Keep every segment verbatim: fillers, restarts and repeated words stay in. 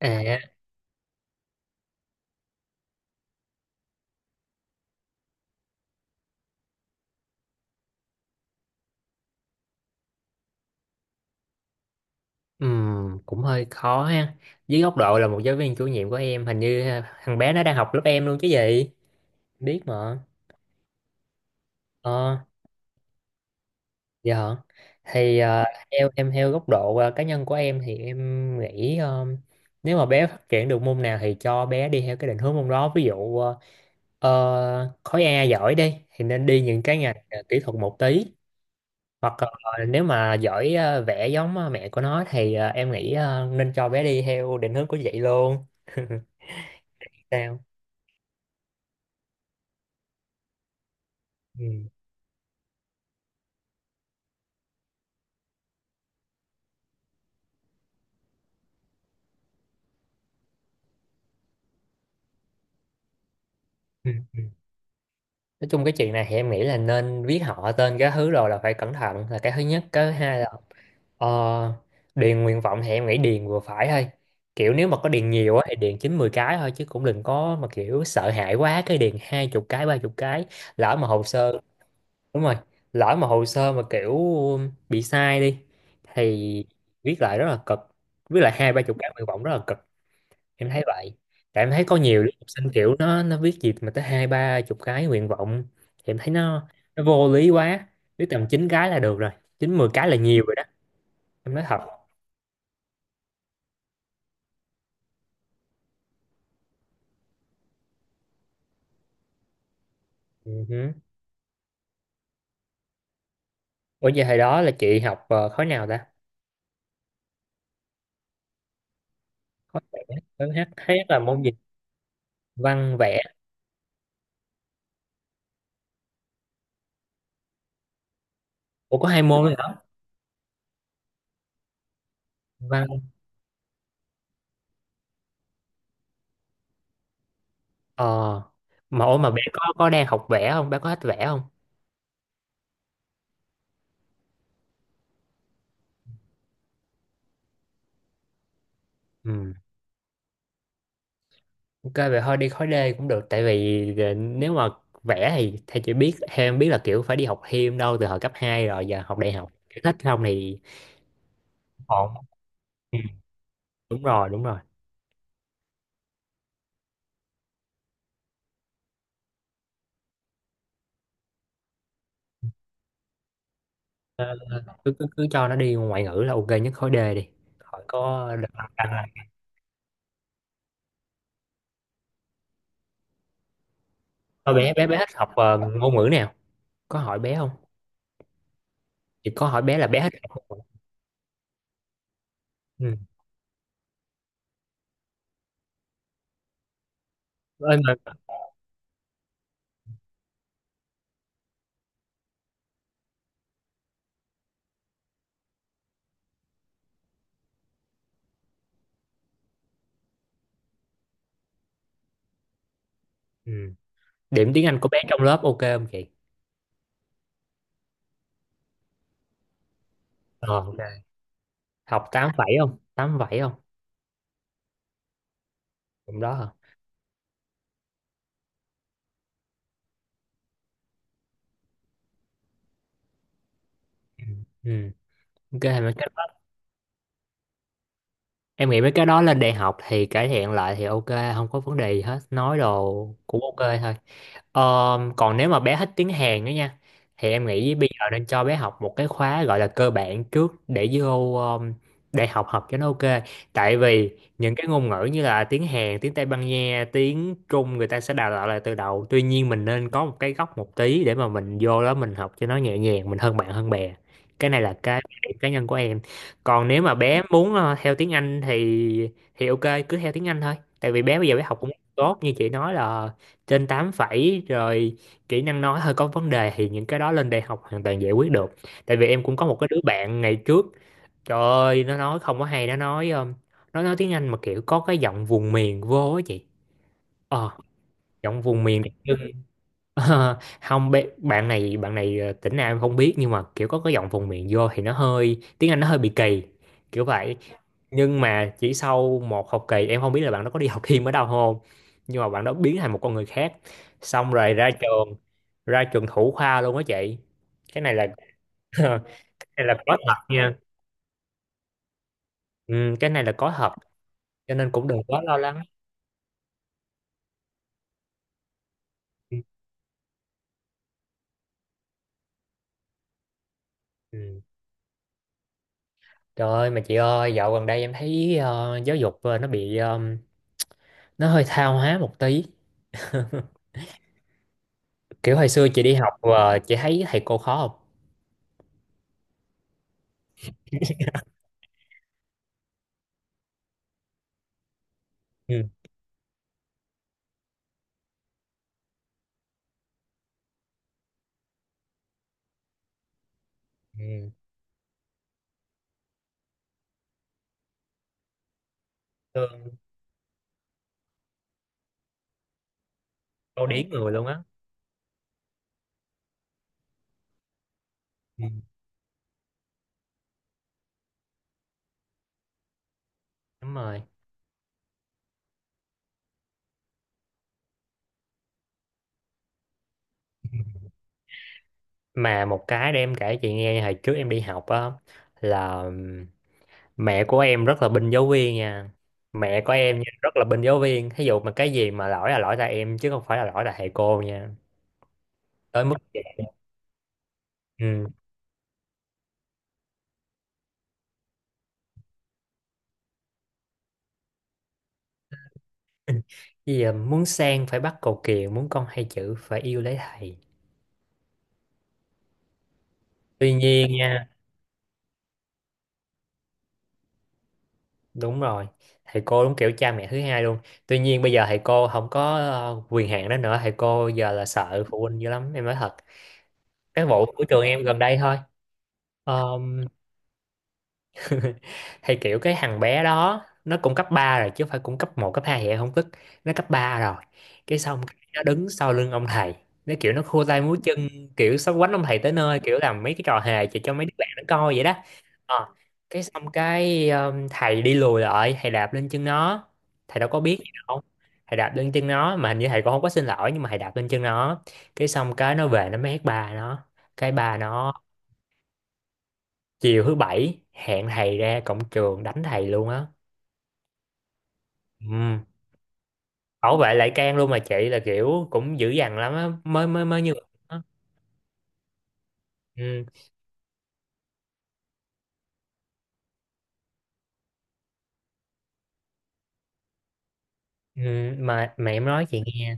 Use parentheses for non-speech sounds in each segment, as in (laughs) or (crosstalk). À, ừm, cũng hơi khó ha. Dưới góc độ là một giáo viên chủ nhiệm của em, hình như ha, thằng bé nó đang học lớp em luôn chứ gì? Biết mà. Ờ, dạ. Thì ờ, theo em, theo góc độ ờ, cá nhân của em thì em nghĩ ờ, nếu mà bé phát triển được môn nào thì cho bé đi theo cái định hướng môn đó. Ví dụ ờ, ờ, khối A giỏi đi thì nên đi những cái ngành ờ, kỹ thuật một tí. Hoặc ờ, nếu mà giỏi ờ, vẽ giống ờ, mẹ của nó thì ờ, em nghĩ ờ, nên cho bé đi theo định hướng của chị luôn. Sao ừ. Ừ. Ừ. Nói chung cái chuyện này thì em nghĩ là nên viết họ tên cái thứ, rồi là phải cẩn thận. Là cái thứ nhất, cái thứ hai là ờ, điền nguyện vọng thì em nghĩ điền vừa phải thôi. Kiểu nếu mà có điền nhiều á thì điền chín mười cái thôi, chứ cũng đừng có mà kiểu sợ hãi quá cái điền hai chục cái, ba chục cái. Lỡ mà hồ sơ, đúng rồi, lỡ mà hồ sơ mà kiểu bị sai đi thì viết lại rất là cực. Viết lại hai ba chục cái nguyện vọng rất là cực, em thấy vậy. Tại em thấy có nhiều đứa học sinh kiểu nó nó viết gì mà tới hai ba chục cái nguyện vọng thì em thấy nó nó vô lý quá. Biết tầm chín cái là được rồi, chín mười cái là nhiều rồi đó, em nói thật. Ừ hứ. Ủa giờ hồi đó là chị học ờ, khối nào ta? Khối khối hát, hát là môn gì? Văn vẽ? Ủa có hai môn nữa hả? Văn, ờ. Mà ủa, mà bé có có đang học vẽ không, bé có thích vẽ không? Ừ. Ok vậy thôi đi khối D cũng được, tại vì ờ, nếu mà vẽ thì theo chị biết, theo em biết là kiểu phải đi học thêm đâu từ hồi cấp hai rồi, giờ học đại học kiểu thích không thì ổn. Ừ, đúng rồi đúng rồi Ờ, cứ, cứ cứ cho nó đi ngoại ngữ là ok nhất, khối D đi. Hỏi có đặt đặt- đặt- có bé bé bé thích học ờ, ngôn ngữ nào, có hỏi bé không chị, có hỏi bé là bé thích học ngôn ngữ. Ừ. Ơi mà ừ. Điểm tiếng Anh của bé trong lớp ok không chị? Ờ ok, học tám phẩy không, tám phẩy không, cũng đó hả? Ừ ok, mà em nghĩ mấy cái đó lên đại học thì cải thiện lại thì ok, không có vấn đề gì hết. Nói đồ cũng ok thôi. Ờ, còn nếu mà bé thích tiếng Hàn nữa nha thì em nghĩ bây giờ nên cho bé học một cái khóa gọi là cơ bản trước để vô um, đại học học cho nó ok. Tại vì những cái ngôn ngữ như là tiếng Hàn, tiếng Tây Ban Nha, tiếng Trung người ta sẽ đào tạo lại từ đầu, tuy nhiên mình nên có một cái gốc một tí để mà mình vô đó mình học cho nó nhẹ nhàng, mình hơn bạn hơn bè. Cái này là cái điểm cá nhân của em. Còn nếu mà bé muốn ờ, theo tiếng Anh thì thì ok, cứ theo tiếng Anh thôi. Tại vì bé bây giờ bé học cũng tốt, như chị nói là trên tám phẩy rồi, kỹ năng nói hơi có vấn đề thì những cái đó lên đại học hoàn toàn giải quyết được. Tại vì em cũng có một cái đứa bạn ngày trước, trời ơi nó nói không có hay, nó nói um, nó nói tiếng Anh mà kiểu có cái giọng vùng miền vô á chị. Ờ, giọng vùng miền. (laughs) Ờ, không, bé- bạn này, bạn này ờ, tỉnh nào em không biết nhưng mà kiểu có cái giọng vùng miền vô thì nó hơi tiếng Anh, nó hơi bị kỳ kiểu vậy. Nhưng mà chỉ sau một học kỳ, em không biết là bạn đó có đi học thêm ở đâu không, nhưng mà bạn đó biến thành một con người khác. Xong rồi ra trường, ra trường thủ khoa luôn á chị. Cái này là, (laughs) cái này là có thật nha. Ừ, cái này là có thật, cho nên cũng đừng quá lo lắng. Ừ. Ừ. Trời ơi, mà chị ơi dạo gần đây em thấy ờ, giáo dục ờ, nó bị ờ, nó hơi tha hóa một tí. (laughs) Kiểu hồi xưa chị đi học và chị thấy thầy cô khó không? Ừ. Ừ. Tương câu điển người luôn á. Ừ, đúng rồi. Mà một cái để em kể chị nghe, hồi trước em đi học á là ừm, mẹ của em rất là binh giáo viên nha. Mẹ của em nha, rất là binh giáo viên, thí dụ mà cái gì mà lỗi là lỗi tại em chứ không phải là lỗi tại thầy cô nha, tới mức vậy. Ừ. (laughs) Bây giờ muốn sang phải bắt cầu kiều, muốn con hay chữ phải yêu lấy thầy. Tuy nhiên nha, đúng rồi, thầy cô đúng kiểu cha mẹ thứ hai luôn. Tuy nhiên bây giờ thầy cô không có ờ, quyền hạn đó nữa, thầy cô giờ là sợ phụ huynh dữ lắm, em nói thật. Cái vụ của trường em gần đây thôi. (laughs) Thì kiểu cái thằng bé đó nó cũng cấp ba rồi chứ không phải cũng cấp một cấp hai vậy không, tức nó cấp ba rồi. Cái xong cái nó đứng sau lưng ông thầy, nó kiểu nó khua tay múa chân, kiểu sắp quánh ông thầy tới nơi, kiểu làm mấy cái trò hề chỉ cho mấy đứa bạn nó coi vậy đó. Ờ, cái xong cái um, thầy đi lùi lại, thầy đạp lên chân nó, thầy đâu có biết gì đâu. Thầy đạp lên chân nó mà hình như thầy cũng không có xin lỗi, nhưng mà thầy đạp lên chân nó. Cái xong cái nó về nó mét bà nó, cái bà nó chiều thứ bảy hẹn thầy ra cổng trường đánh thầy luôn á. Ừ. Bảo vệ lại can luôn mà chị, là kiểu cũng dữ dằn lắm á mới mới mới như vậy á. Ừ. Ừ. mà mà Em nói chị nghe,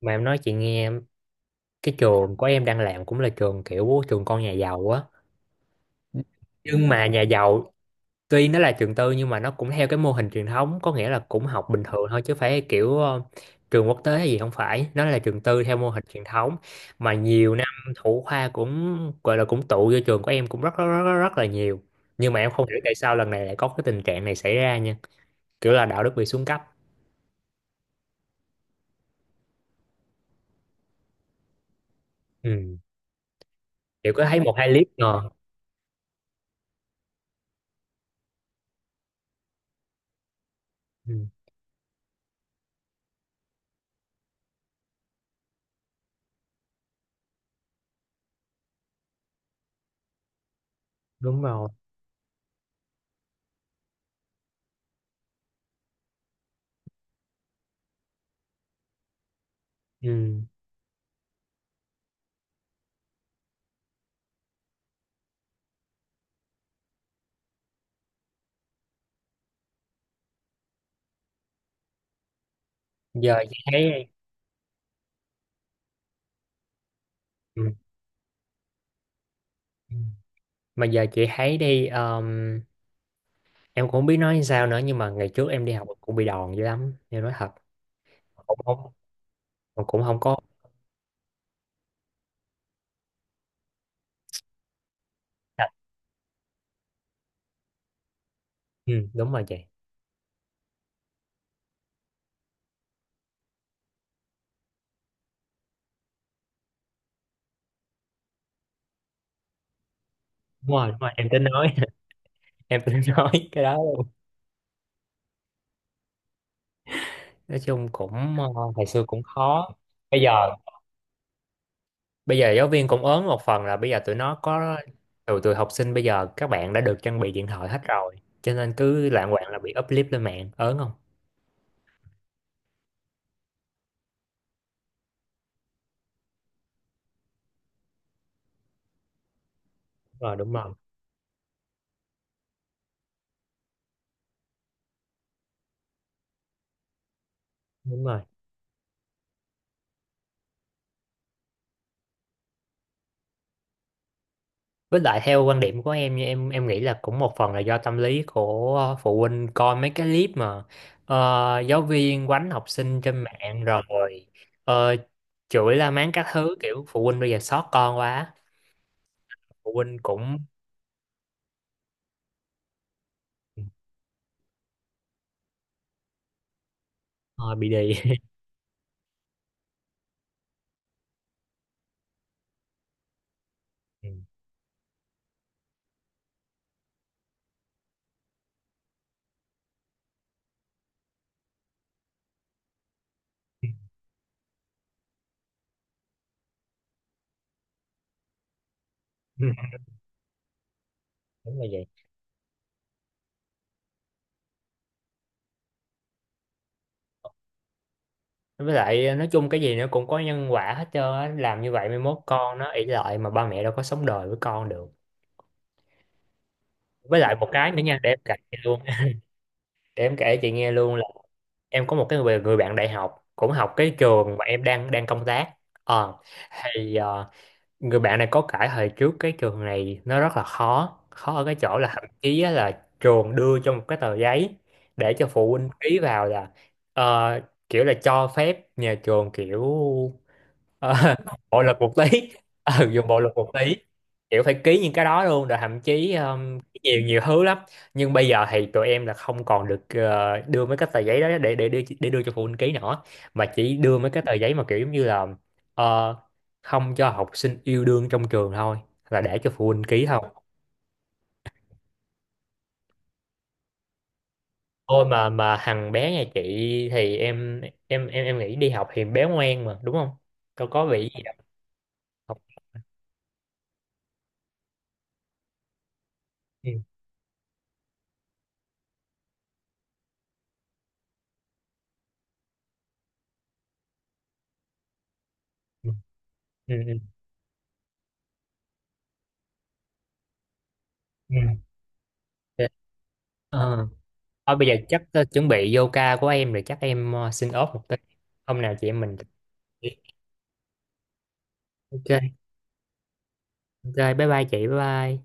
mà em nói chị nghe, cái trường của em đang làm cũng là trường kiểu trường con nhà giàu á, nhưng mà nhà giàu, tuy nó là trường tư nhưng mà nó cũng theo cái mô hình truyền thống, có nghĩa là cũng học bình thường thôi chứ phải kiểu ờ, trường quốc tế hay gì, không phải, nó là trường tư theo mô hình truyền thống. Mà nhiều năm thủ khoa cũng gọi là cũng tụ vô trường của em cũng rất rất rất, rất rất là nhiều. Nhưng mà em không hiểu tại sao lần này lại có cái tình trạng này xảy ra nha, kiểu là đạo đức bị xuống cấp. Ừ. Kiểu có thấy một hai clip ngờ. Ừ. Đúng rồi. Ừ. Giờ chị thấy, ừ, mà giờ chị thấy đi um, em cũng không biết nói sao nữa, nhưng mà ngày trước em đi học cũng bị đòn dữ lắm, em nói thật. Cũng không, mà cũng không có thật. Ừ, đúng rồi chị. Đúng rồi đúng rồi em tính nói, (laughs) em tính nói cái đó luôn. Nói chung cũng ờ, ngày xưa cũng khó. Bây giờ bây giờ giáo viên cũng ớn, một phần là bây giờ tụi nó có, tụi tụi học sinh bây giờ các bạn đã được trang bị điện thoại hết rồi, cho nên cứ lạng quạng là bị up clip lên mạng, ớn không. Đúng rồi đúng rồi đúng rồi Với lại theo quan điểm của em, như em em nghĩ là cũng một phần là do tâm lý của ờ, phụ huynh coi mấy cái clip mà ờ, giáo viên quánh học sinh trên mạng rồi ờ, chửi la mắng các thứ, kiểu phụ huynh bây giờ xót con quá, phụ huynh cũng ờ, bị đì. (laughs) Ừ. Ừ, đúng là vậy. Với lại ờ, nói chung cái gì nó cũng có nhân quả hết trơn á, làm như vậy mai mốt con nó ỷ lại, mà ba mẹ đâu có sống đời với con được. Với lại một cái nữa nha, để em kể cho luôn. (laughs) Để em kể chị nghe luôn. Em có một cái người, người bạn đại học cũng học cái trường mà em đang đang công tác. Ờ, thì ờ, người bạn này có kể hồi trước cái trường này nó rất là khó, khó ở cái chỗ là thậm chí á là trường đưa cho một cái tờ giấy để cho phụ huynh ký vào là ờ, kiểu là cho phép nhà trường kiểu, Ờ, (laughs) bộ luật một tí, ừ, dùng bộ luật một tí. Kiểu phải ký những cái đó luôn, rồi thậm chí um, nhiều nhiều thứ lắm. Nhưng bây giờ thì tụi em là không còn được ờ, đưa mấy cái tờ giấy đó để để đưa để đưa cho phụ huynh ký nữa, mà chỉ đưa mấy cái tờ giấy mà kiểu giống như là ờ, không cho học sinh yêu đương trong trường thôi, là để cho phụ huynh ký thôi. Thôi mà mà thằng bé nhà chị thì em em em em nghĩ đi học thì bé ngoan mà đúng không, đâu có bị gì đâu. Học. Ừ. Ừ. Ừ. Ừ. Ừ. Ờ. Thôi bây giờ chắc ờ, chuẩn bị vô ca của em rồi, chắc em ờ, xin off một tí. Hôm nào chị em mình. Ok, ok, bye bye chị, bye bye.